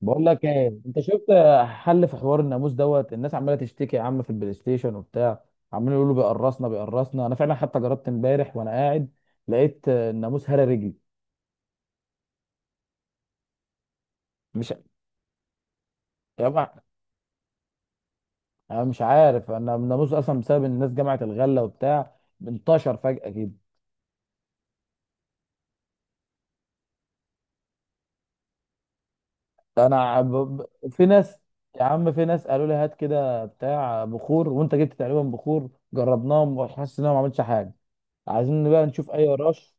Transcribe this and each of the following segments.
بقول لك ايه؟ انت شفت حل في حوار الناموس دوت؟ الناس عماله تشتكي يا عم في البلاي ستيشن وبتاع، عمالين يقولوا بيقرصنا بيقرصنا. انا فعلا حتى جربت امبارح وانا قاعد، لقيت الناموس هرى رجلي. مش يا بقى. انا مش عارف، انا الناموس اصلا بسبب إن الناس جمعت الغله وبتاع، انتشر فجاه كده. في ناس، يا عم في ناس قالوا لي هات كده بتاع بخور، وانت جبت تقريبا بخور، جربناهم وحاسس ان انا ما عملتش حاجه. عايزين بقى نشوف اي رش.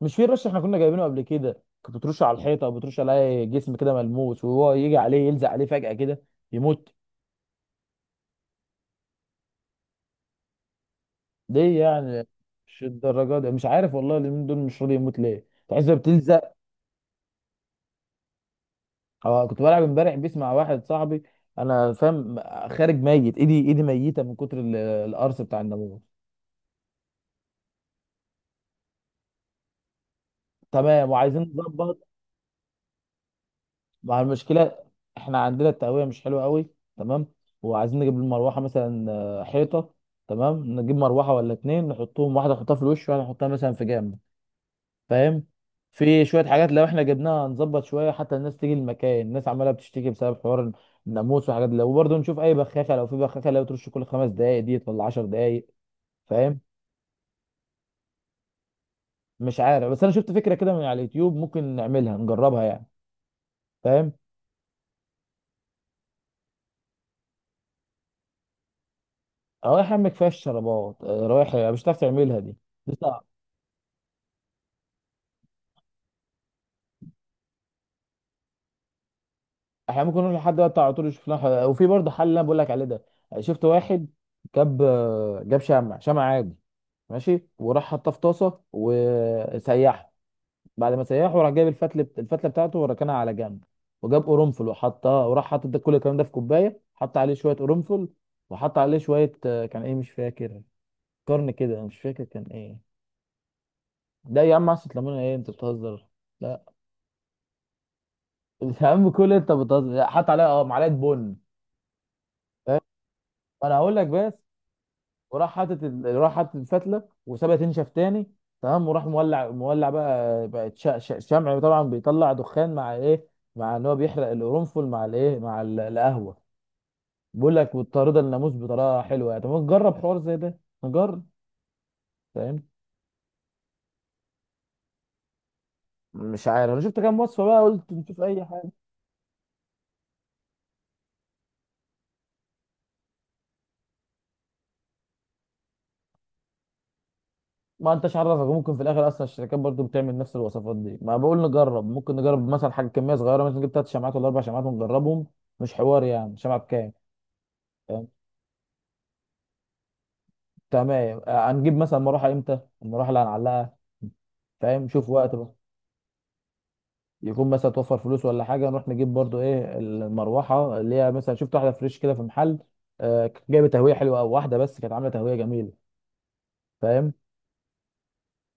مش في رش احنا كنا جايبينه قبل كده؟ كنت بترش على الحيطه او بترش على جسم كده ملموس، وهو يجي عليه يلزق عليه فجاه كده، يموت. ليه يعني؟ مش الدرجه دي، مش عارف والله، اليومين دول مش راضي يموت، ليه تحس بتلزق. أو كنت بلعب امبارح بيس مع واحد صاحبي. انا فاهم. خارج ميت، ايدي ايدي ميته من كتر القرص بتاع الناموس. تمام، وعايزين نظبط مع المشكله. احنا عندنا التهويه مش حلوه قوي. تمام. وعايزين نجيب المروحه مثلا، حيطه. تمام، نجيب مروحه ولا اتنين، نحطهم واحده نحطها في الوش، وواحده نحطها مثلا في جنب. فاهم؟ في شويه حاجات لو احنا جبناها نظبط شويه، حتى الناس تيجي المكان، الناس عماله بتشتكي بسبب حوار الناموس والحاجات دي. وبرضه نشوف اي بخاخه، لو في بخاخه لو ترش كل خمس دقائق دي ولا 10 دقائق. فاهم؟ مش عارف، بس انا شفت فكره كده من على اليوتيوب، ممكن نعملها نجربها يعني. فاهم؟ اه يا عم كفايه الشرابات، رايح مش هتعرف تعملها دي. احنا ممكن نروح لحد بقى بتاع على طول يشوف لنا حل. وفي برضه حل اللي انا بقول لك عليه ده. شفت واحد، جاب جاب شمع، شمع عادي، ماشي، وراح حطها في طاسه وسيحه. بعد ما سيحه راح جايب الفتله، الفتله بتاعته، وركنها على جنب. وجاب قرنفل وحطها، وراح حاطط ده كل الكلام ده في كوبايه، حط عليه شويه قرنفل، وحط عليه شويه، كان ايه مش فاكر، قرن كده، أنا مش فاكر كان ايه. ده يا عم عصة ليمونه؟ ايه انت بتهزر؟ لا. يا عم كل، انت بتهزر، لا، حط عليها اه معلقه بن. انا هقول لك بس. وراح حاطط راح حاطط الفتله وسابها تنشف تاني. تمام، وراح مولع، مولع بقى، بقت شمع طبعا بيطلع دخان مع ايه، مع ان هو بيحرق القرنفل مع الايه، مع القهوه. بيقول لك مضطرده الناموس بطريقه حلوه يعني. طب ما نجرب حوار زي ده، نجرب. فاهم؟ مش عارف، انا شفت كام وصفه بقى، قلت نشوف اي حاجه. ما انتش عرفك ممكن في الاخر اصلا الشركات برضو بتعمل نفس الوصفات دي، ما بقول نجرب، ممكن نجرب مثلا حاجه كميه صغيره، مثلا نجيب ثلاث شمعات ولا اربع شمعات ونجربهم. مش حوار يعني، شمعه بكام؟ تمام، هنجيب مثلا مروحه. امتى المروحه اللي هنعلقها؟ فاهم؟ شوف وقت بقى، يكون مثلا توفر فلوس ولا حاجه، نروح نجيب برضو. ايه المروحه اللي هي، مثلا شفت واحده فريش كده في محل، كانت جايبه تهويه حلوه قوي، واحده بس كانت عامله تهويه جميله. فاهم؟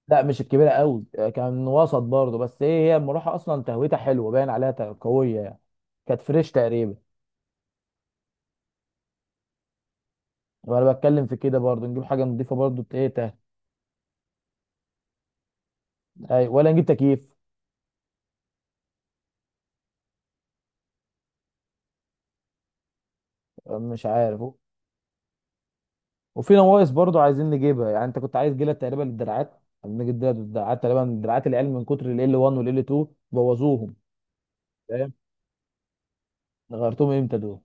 لا مش الكبيره قوي، كان وسط برضو، بس ايه هي المروحه اصلا تهويتها حلوه باين عليها قويه يعني، كانت فريش تقريبا. وانا بتكلم في كده برضو، نجيب حاجه نضيفه برضو، أي- ولا نجيب تكييف؟ مش عارف. وفي نواقص برضو عايزين نجيبها، يعني انت كنت عايز جلد تقريبا للدراعات، عايزين نجيب جلد للدراعات تقريبا، دراعات العيال من كتر ال L1 وال L2 بوظوهم. فاهم؟ غيرتهم امتى دول؟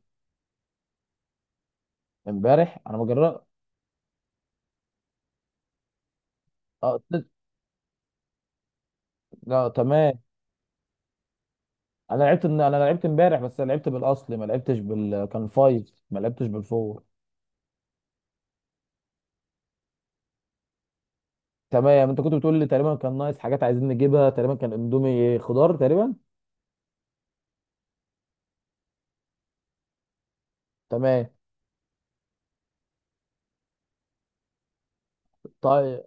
امبارح انا ما جربت. اه ت- لا تمام. انا لعبت، انا لعبت امبارح، بس أنا لعبت بالاصلي، ما لعبتش بال كان 5، ما لعبتش بالفور. تمام. انت كنت بتقول لي تقريبا كان ناقص حاجات عايزين نجيبها، تقريبا كان اندومي خضار تقريبا. تمام. طيب.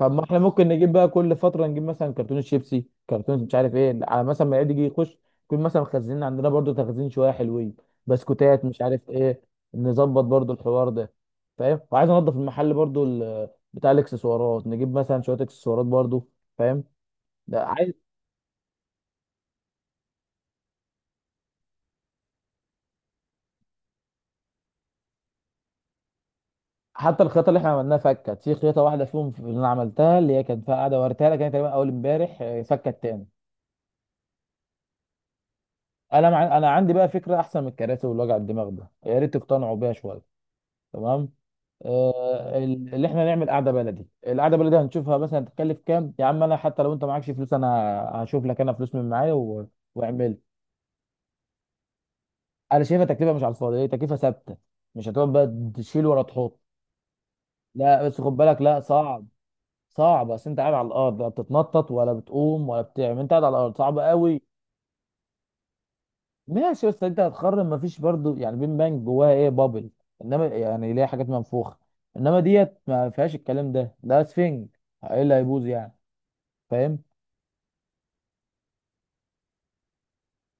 طب ما احنا ممكن نجيب بقى كل فتره، نجيب مثلا كرتون شيبسي، كرتون مش عارف ايه، على مثلا ما يعيد يجي يخش، يكون مثلا مخزنين عندنا برضو، تخزين شويه حلوين، بسكوتات مش عارف ايه. نظبط برضو الحوار ده. فاهم؟ وعايز انضف المحل برضو بتاع الاكسسوارات، نجيب مثلا شويه اكسسوارات برضو. فاهم؟ ده عايز. حتى الخيطه اللي احنا عملناها فكت، في خيطه واحده فيهم اللي انا عملتها، اللي هي كانت فيها قاعده وريتها لك، كانت تقريبا اول امبارح، فكت تاني. انا عندي بقى فكره احسن من الكراسي والوجع الدماغ ده، يا ريت تقتنعوا بيها شويه. تمام، اللي احنا نعمل قعده بلدي. القعده بلدي هنشوفها مثلا هتكلف كام، يا عم انا حتى لو انت معكش فلوس، انا هشوف لك انا فلوس من معايا و... واعمل. انا شايفها تكلفه مش على الفاضي، هي تكلفه ثابته، مش هتقعد بقى تشيل ولا تحط. لا بس خد بالك، لا صعب، صعب، بس انت قاعد على الارض، لا بتتنطط ولا بتقوم ولا بتعمل، انت قاعد على الارض صعب قوي. ماشي، بس انت هتخرم. مفيش برضو يعني، بين بانك جواها ايه؟ بابل. انما يعني ليها حاجات منفوخه، انما ديت ما فيهاش الكلام ده، ده سفنج، ايه اللي هيبوظ يعني؟ فاهم؟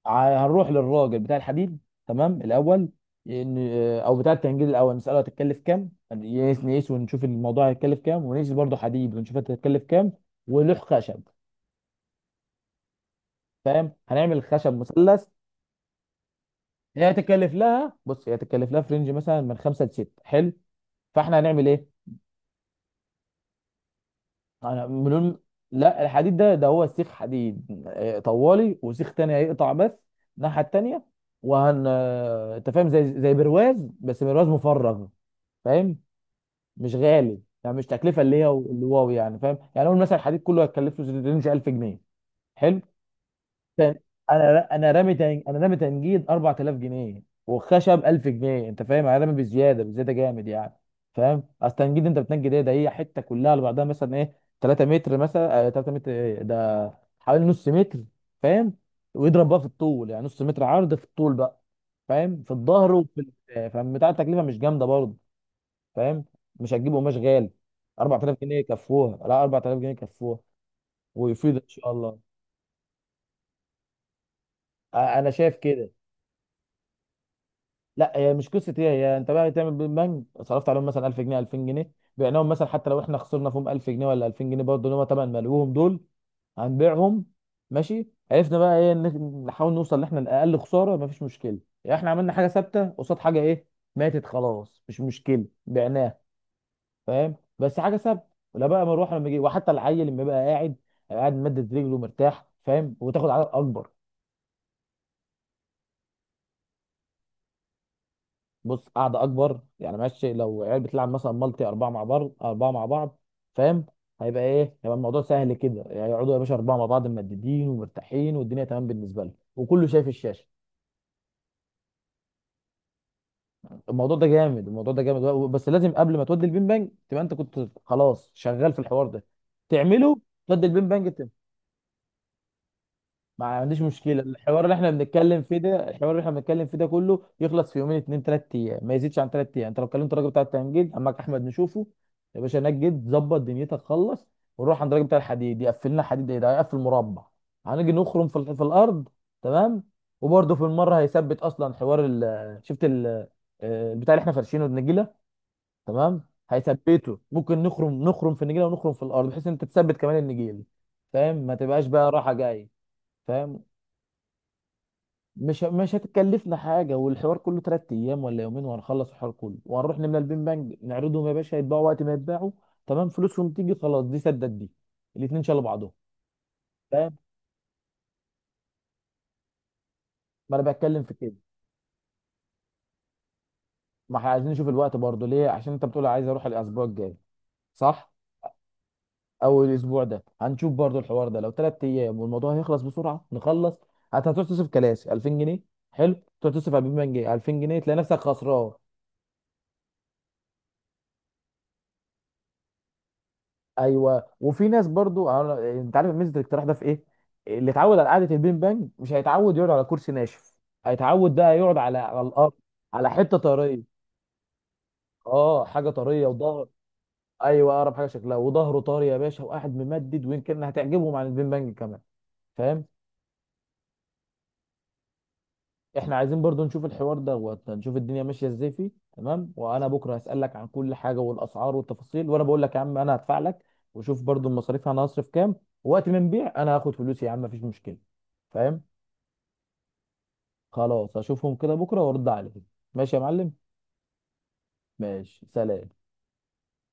هنروح للراجل بتاع الحديد، تمام الاول، ان او بتاع الكنجيل الاول، نساله هتتكلف كام، نقيس ونشوف الموضوع هيتكلف كام، ونقيس برضه حديد ونشوف هتتكلف كام، ولوح خشب. فاهم؟ هنعمل خشب مثلث. هي هتتكلف لها، بص هي هتتكلف لها في رينج مثلا من خمسه لسته، حلو. فاحنا هنعمل ايه؟ انا بنقول، لا الحديد ده، ده هو سيخ حديد، طوالي، وسيخ تاني هيقطع بس الناحيه التانيه، وهن انت فاهم، زي برواز، بس برواز مفرغ. فاهم؟ مش غالي يعني، مش تكلفه اللي هي اللي واو يعني، فاهم يعني، اقول مثلا الحديد كله هيكلف له رينج 1000 جنيه. حلو تاني. انا رامي تنجيد 4000 جنيه، والخشب 1000 جنيه. انت فاهم، انا رامي بزياده، بزياده جامد يعني. فاهم؟ اصل تنجيد انت بتنجد ايه؟ ده هي حته كلها على بعضها مثلا، ايه 3 متر مثلا، آه 3 متر، ايه ده حوالي نص متر. فاهم؟ ويضرب بقى في الطول، يعني نص متر عرض في الطول بقى. فاهم؟ في الظهر وفي فاهم بتاع، التكلفه مش جامده برضه. فاهم؟ مش هتجيب قماش غالي، 4000 جنيه يكفوها، لا 4000 جنيه يكفوها، ويفيد ان شاء الله. انا شايف كده. لا هي مش قصه ايه، هي انت بقى تعمل بالبنك، صرفت عليهم مثلا 1000 جنيه 2000 جنيه، بعناهم، مثلا حتى لو احنا خسرنا فيهم 1000 جنيه ولا 2000 جنيه، برضه اللي هم تمن ملوهم دول، هنبيعهم. ماشي، عرفنا بقى ايه نحاول نوصل ان احنا لاقل خساره. مفيش مشكله يعني، احنا عملنا حاجه ثابته قصاد حاجه، ايه ماتت خلاص، مش مشكله بعناها. فاهم؟ بس حاجه ثابته. لا بقى مروحه لما يجي، وحتى العيل لما يبقى قاعد، قاعد مدد رجله مرتاح. فاهم؟ وتاخد عدد اكبر. بص، قاعده اكبر يعني، ماشي لو عيال بتلعب مثلا مالتي، اربعه مع بعض، اربعه مع بعض، فاهم، هيبقى ايه، هيبقى الموضوع سهل كده يعني، يقعدوا يا باشا اربعه مع بعض ممددين ومرتاحين، والدنيا تمام بالنسبه لهم، وكله شايف الشاشه. الموضوع ده جامد، الموضوع ده جامد. بس لازم قبل ما تودي البين بانج، تبقى انت كنت خلاص شغال في الحوار ده، تعمله، تودي البين بانج. ما عنديش مشكله، الحوار اللي احنا بنتكلم فيه ده، الحوار اللي احنا بنتكلم فيه ده كله يخلص في يومين، اتنين تلات ايام، ما يزيدش عن تلات ايام. انت لو كلمت الراجل بتاع التمجيد عمك احمد نشوفه، يا باشا نجد ظبط دنيتك خلص، ونروح عند الراجل بتاع الحديد يقفل لنا حديد، ايه ده هيقفل مربع، هنيجي نخرم في في الارض. تمام، وبرده في المره هيثبت اصلا حوار ال، شفت ال، البتاع اللي احنا فرشينه، النجيله. تمام، هيثبته، ممكن نخرم في النجيله، ونخرم في الارض، بحيث ان انت تثبت كمان النجيل. فاهم؟ ما تبقاش بقى راحه جايه. فاهم؟ مش هتكلفنا حاجة، والحوار كله تلات أيام ولا يومين، وهنخلص الحوار كله، وهنروح نملى البين بانج نعرضهم، يا باشا يتباعوا وقت ما يتباعوا. تمام، فلوسهم تيجي خلاص، دي سدت دي، الاتنين شالوا بعضهم. فاهم؟ ما أنا بتكلم في كده. ما احنا عايزين نشوف الوقت برضه ليه، عشان أنت بتقول عايز أروح الأسبوع الجاي، صح؟ أو الأسبوع ده هنشوف برضه الحوار ده، لو تلات أيام والموضوع هيخلص بسرعة نخلص. هتروح تصرف كلاسي 2000 جنيه، حلو، تروح تصرف على البين بانج 2000 جنيه، تلاقي نفسك خسران. ايوه، وفي ناس برضو انت عارف ميزه الاقتراح ده في ايه؟ اللي اتعود على قعده البين بانج مش هيتعود يقعد على كرسي ناشف، هيتعود بقى يقعد على الارض، على حته طريه. اه حاجه طريه وظهر. ايوه اقرب حاجه شكلها، وظهره طري يا باشا، وقاعد ممدد، ويمكن هتعجبهم عن البين بانج كمان. فاهم؟ احنا عايزين برضو نشوف الحوار ده، ونشوف الدنيا ماشيه ازاي فيه. تمام، وانا بكره هسالك عن كل حاجه، والاسعار والتفاصيل، وانا بقول لك يا عم انا هدفع لك، وشوف برضو المصاريف انا هصرف كام، وقت ما نبيع انا هاخد فلوسي يا عم، مفيش مشكله. فاهم؟ خلاص، اشوفهم كده بكره، وارد عليك. ماشي يا معلم. ماشي، سلام.